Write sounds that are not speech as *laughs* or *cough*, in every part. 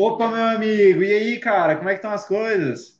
Opa, meu amigo, e aí, cara, como é que estão as coisas?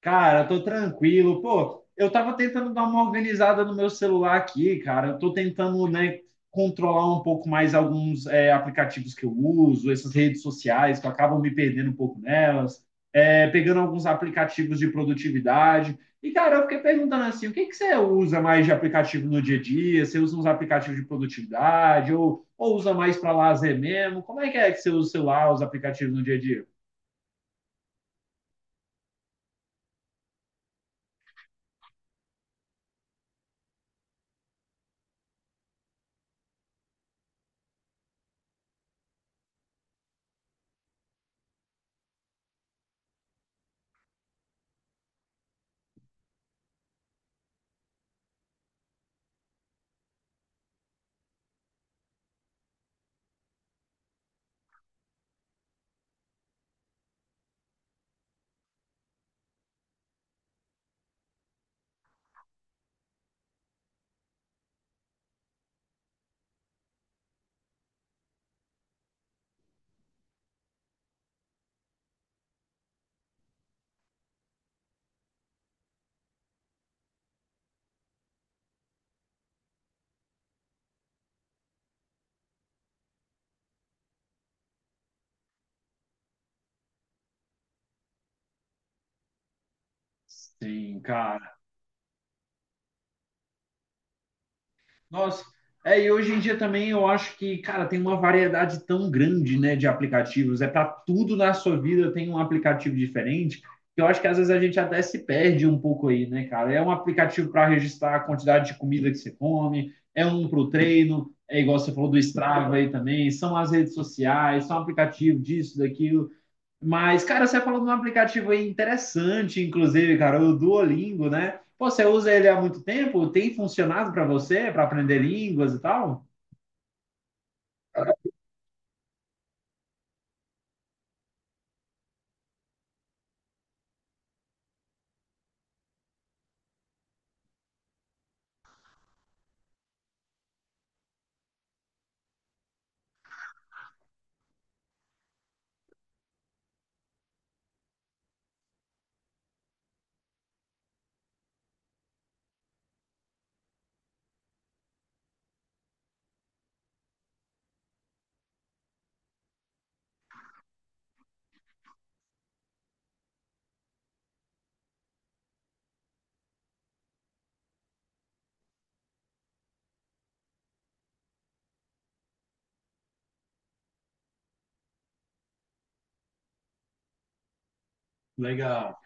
Cara, eu tô tranquilo. Pô, eu tava tentando dar uma organizada no meu celular aqui, cara. Eu tô tentando, né, controlar um pouco mais alguns aplicativos que eu uso, essas redes sociais, que eu acabo me perdendo um pouco nelas, pegando alguns aplicativos de produtividade. E, cara, eu fiquei perguntando assim, o que você usa mais de aplicativo no dia a dia? Você usa uns aplicativos de produtividade ou usa mais para lazer mesmo? Como é que você usa o celular, os aplicativos no dia a dia? Sim, cara. Nossa, é, e hoje em dia também eu acho que, cara, tem uma variedade tão grande, né, de aplicativos. É para tudo na sua vida tem um aplicativo diferente. Que Eu acho que às vezes a gente até se perde um pouco aí, né, cara? É um aplicativo para registrar a quantidade de comida que você come, é um para o treino, é igual você falou do Strava aí também, são as redes sociais, são aplicativo disso, daquilo. Mas, cara, você falou de um aplicativo aí interessante, inclusive, cara, o Duolingo, né? Pô, você usa ele há muito tempo? Tem funcionado para você, para aprender línguas e tal? Legal.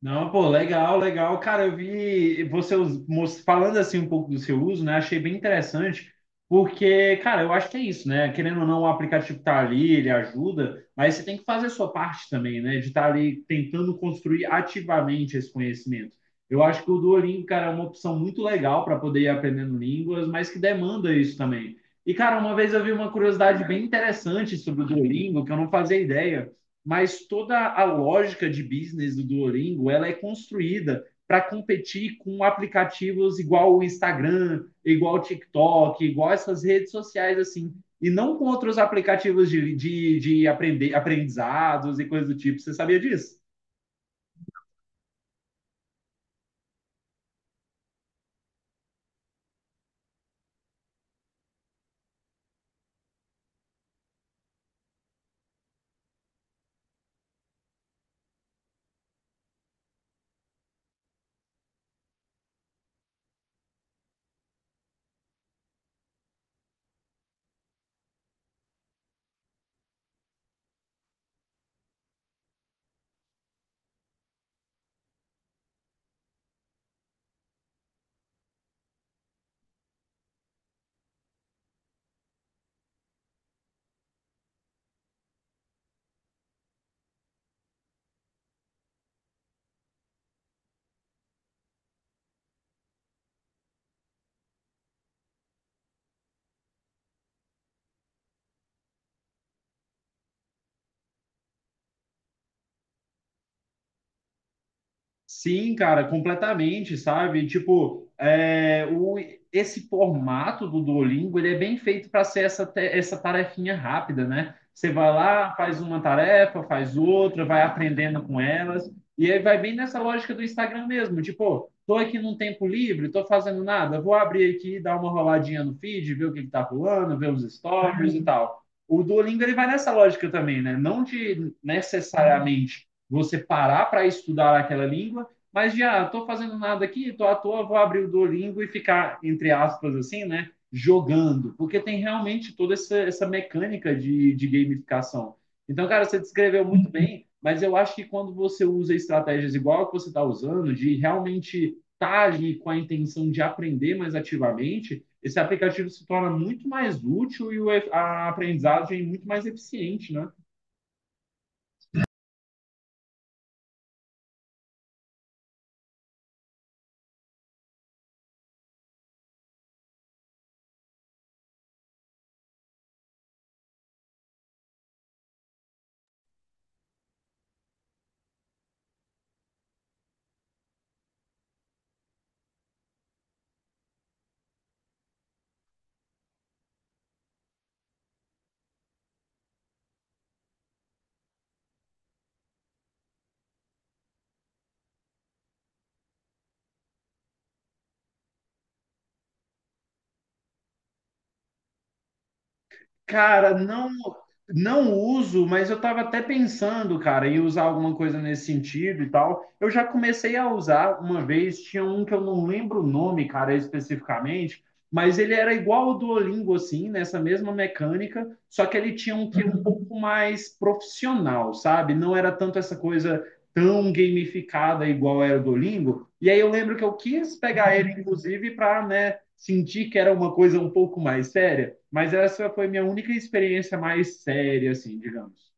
Não, pô, legal, legal. Cara, eu vi você falando assim um pouco do seu uso, né? Achei bem interessante, porque, cara, eu acho que é isso, né? Querendo ou não, o aplicativo tá ali, ele ajuda, mas você tem que fazer a sua parte também, né? De estar ali tentando construir ativamente esse conhecimento. Eu acho que o Duolingo, cara, é uma opção muito legal para poder ir aprendendo línguas, mas que demanda isso também. E, cara, uma vez eu vi uma curiosidade bem interessante sobre o Duolingo, que eu não fazia ideia, mas toda a lógica de business do Duolingo ela é construída para competir com aplicativos igual o Instagram, igual o TikTok, igual essas redes sociais assim, e não com outros aplicativos de aprender, aprendizados e coisas do tipo. Você sabia disso? Sim, cara, completamente, sabe? Tipo, esse formato do Duolingo, ele é bem feito para ser essa tarefinha rápida, né? Você vai lá, faz uma tarefa, faz outra, vai aprendendo com elas, e aí vai bem nessa lógica do Instagram mesmo, tipo, tô aqui num tempo livre, tô fazendo nada, vou abrir aqui, dar uma roladinha no feed, ver o que tá rolando, ver os stories e tal. O Duolingo, ele vai nessa lógica também, né? Não de necessariamente você parar para estudar aquela língua, mas já estou fazendo nada aqui, estou à toa, vou abrir o Duolingo e ficar, entre aspas, assim, né? Jogando, porque tem realmente toda essa mecânica de gamificação. Então, cara, você descreveu muito bem, mas eu acho que quando você usa estratégias igual a que você está usando, de realmente estar ali com a intenção de aprender mais ativamente, esse aplicativo se torna muito mais útil e a aprendizagem é muito mais eficiente, né? Cara, não, não uso, mas eu estava até pensando, cara, em usar alguma coisa nesse sentido e tal. Eu já comecei a usar uma vez, tinha um que eu não lembro o nome, cara, especificamente, mas ele era igual ao Duolingo, assim, nessa mesma mecânica, só que ele tinha um que um pouco mais profissional, sabe? Não era tanto essa coisa tão gamificada igual era o Duolingo. E aí eu lembro que eu quis pegar ele, inclusive, para, né? Senti que era uma coisa um pouco mais séria, mas essa foi minha única experiência mais séria, assim, digamos.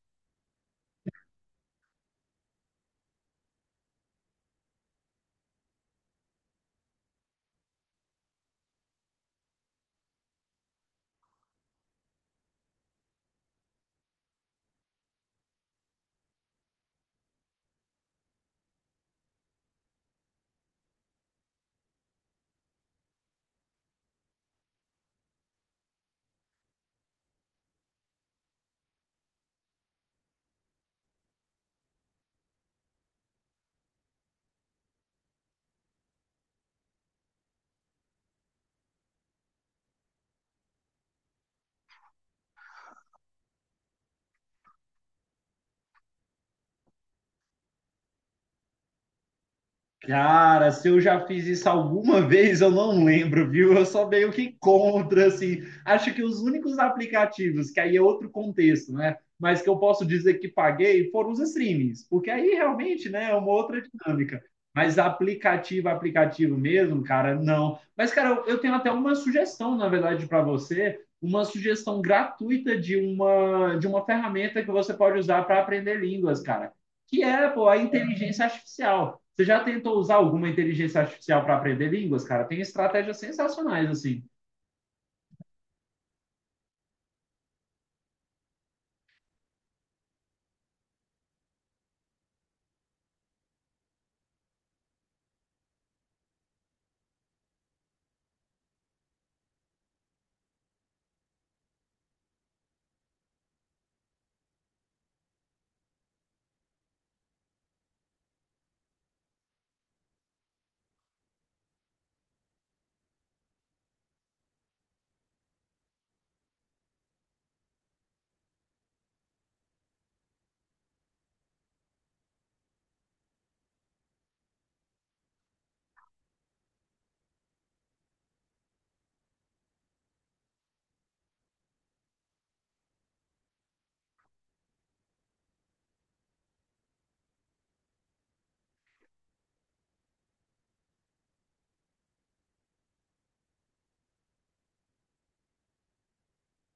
Cara, se eu já fiz isso alguma *laughs* vez, eu não lembro, viu? Eu sou meio que contra, assim. Acho que os únicos aplicativos, que aí é outro contexto, né? Mas que eu posso dizer que paguei foram os streamings, porque aí realmente, né, é uma outra dinâmica. Mas aplicativo, aplicativo mesmo, cara, não. Mas, cara, eu tenho até uma sugestão, na verdade, para você, uma sugestão gratuita de uma ferramenta que você pode usar para aprender línguas, cara, que é pô, a inteligência artificial. Você já tentou usar alguma inteligência artificial para aprender línguas, cara? Tem estratégias sensacionais, assim.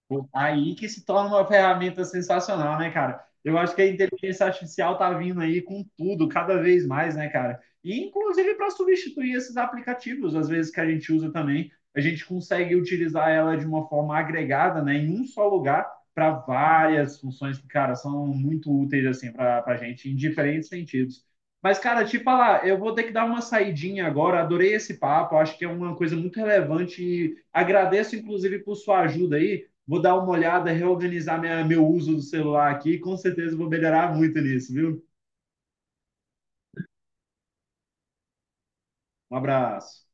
Pô, tá. Aí que se torna uma ferramenta sensacional, né, cara? Eu acho que a inteligência artificial tá vindo aí com tudo, cada vez mais, né, cara? E inclusive para substituir esses aplicativos, às vezes que a gente usa também, a gente consegue utilizar ela de uma forma agregada, né, em um só lugar para várias funções que, cara, são muito úteis assim para a gente em diferentes sentidos. Mas, cara, te falar, eu vou ter que dar uma saidinha agora. Adorei esse papo, acho que é uma coisa muito relevante e agradeço, inclusive, por sua ajuda aí. Vou dar uma olhada, reorganizar minha, meu uso do celular aqui, com certeza vou melhorar muito nisso, viu? Um abraço.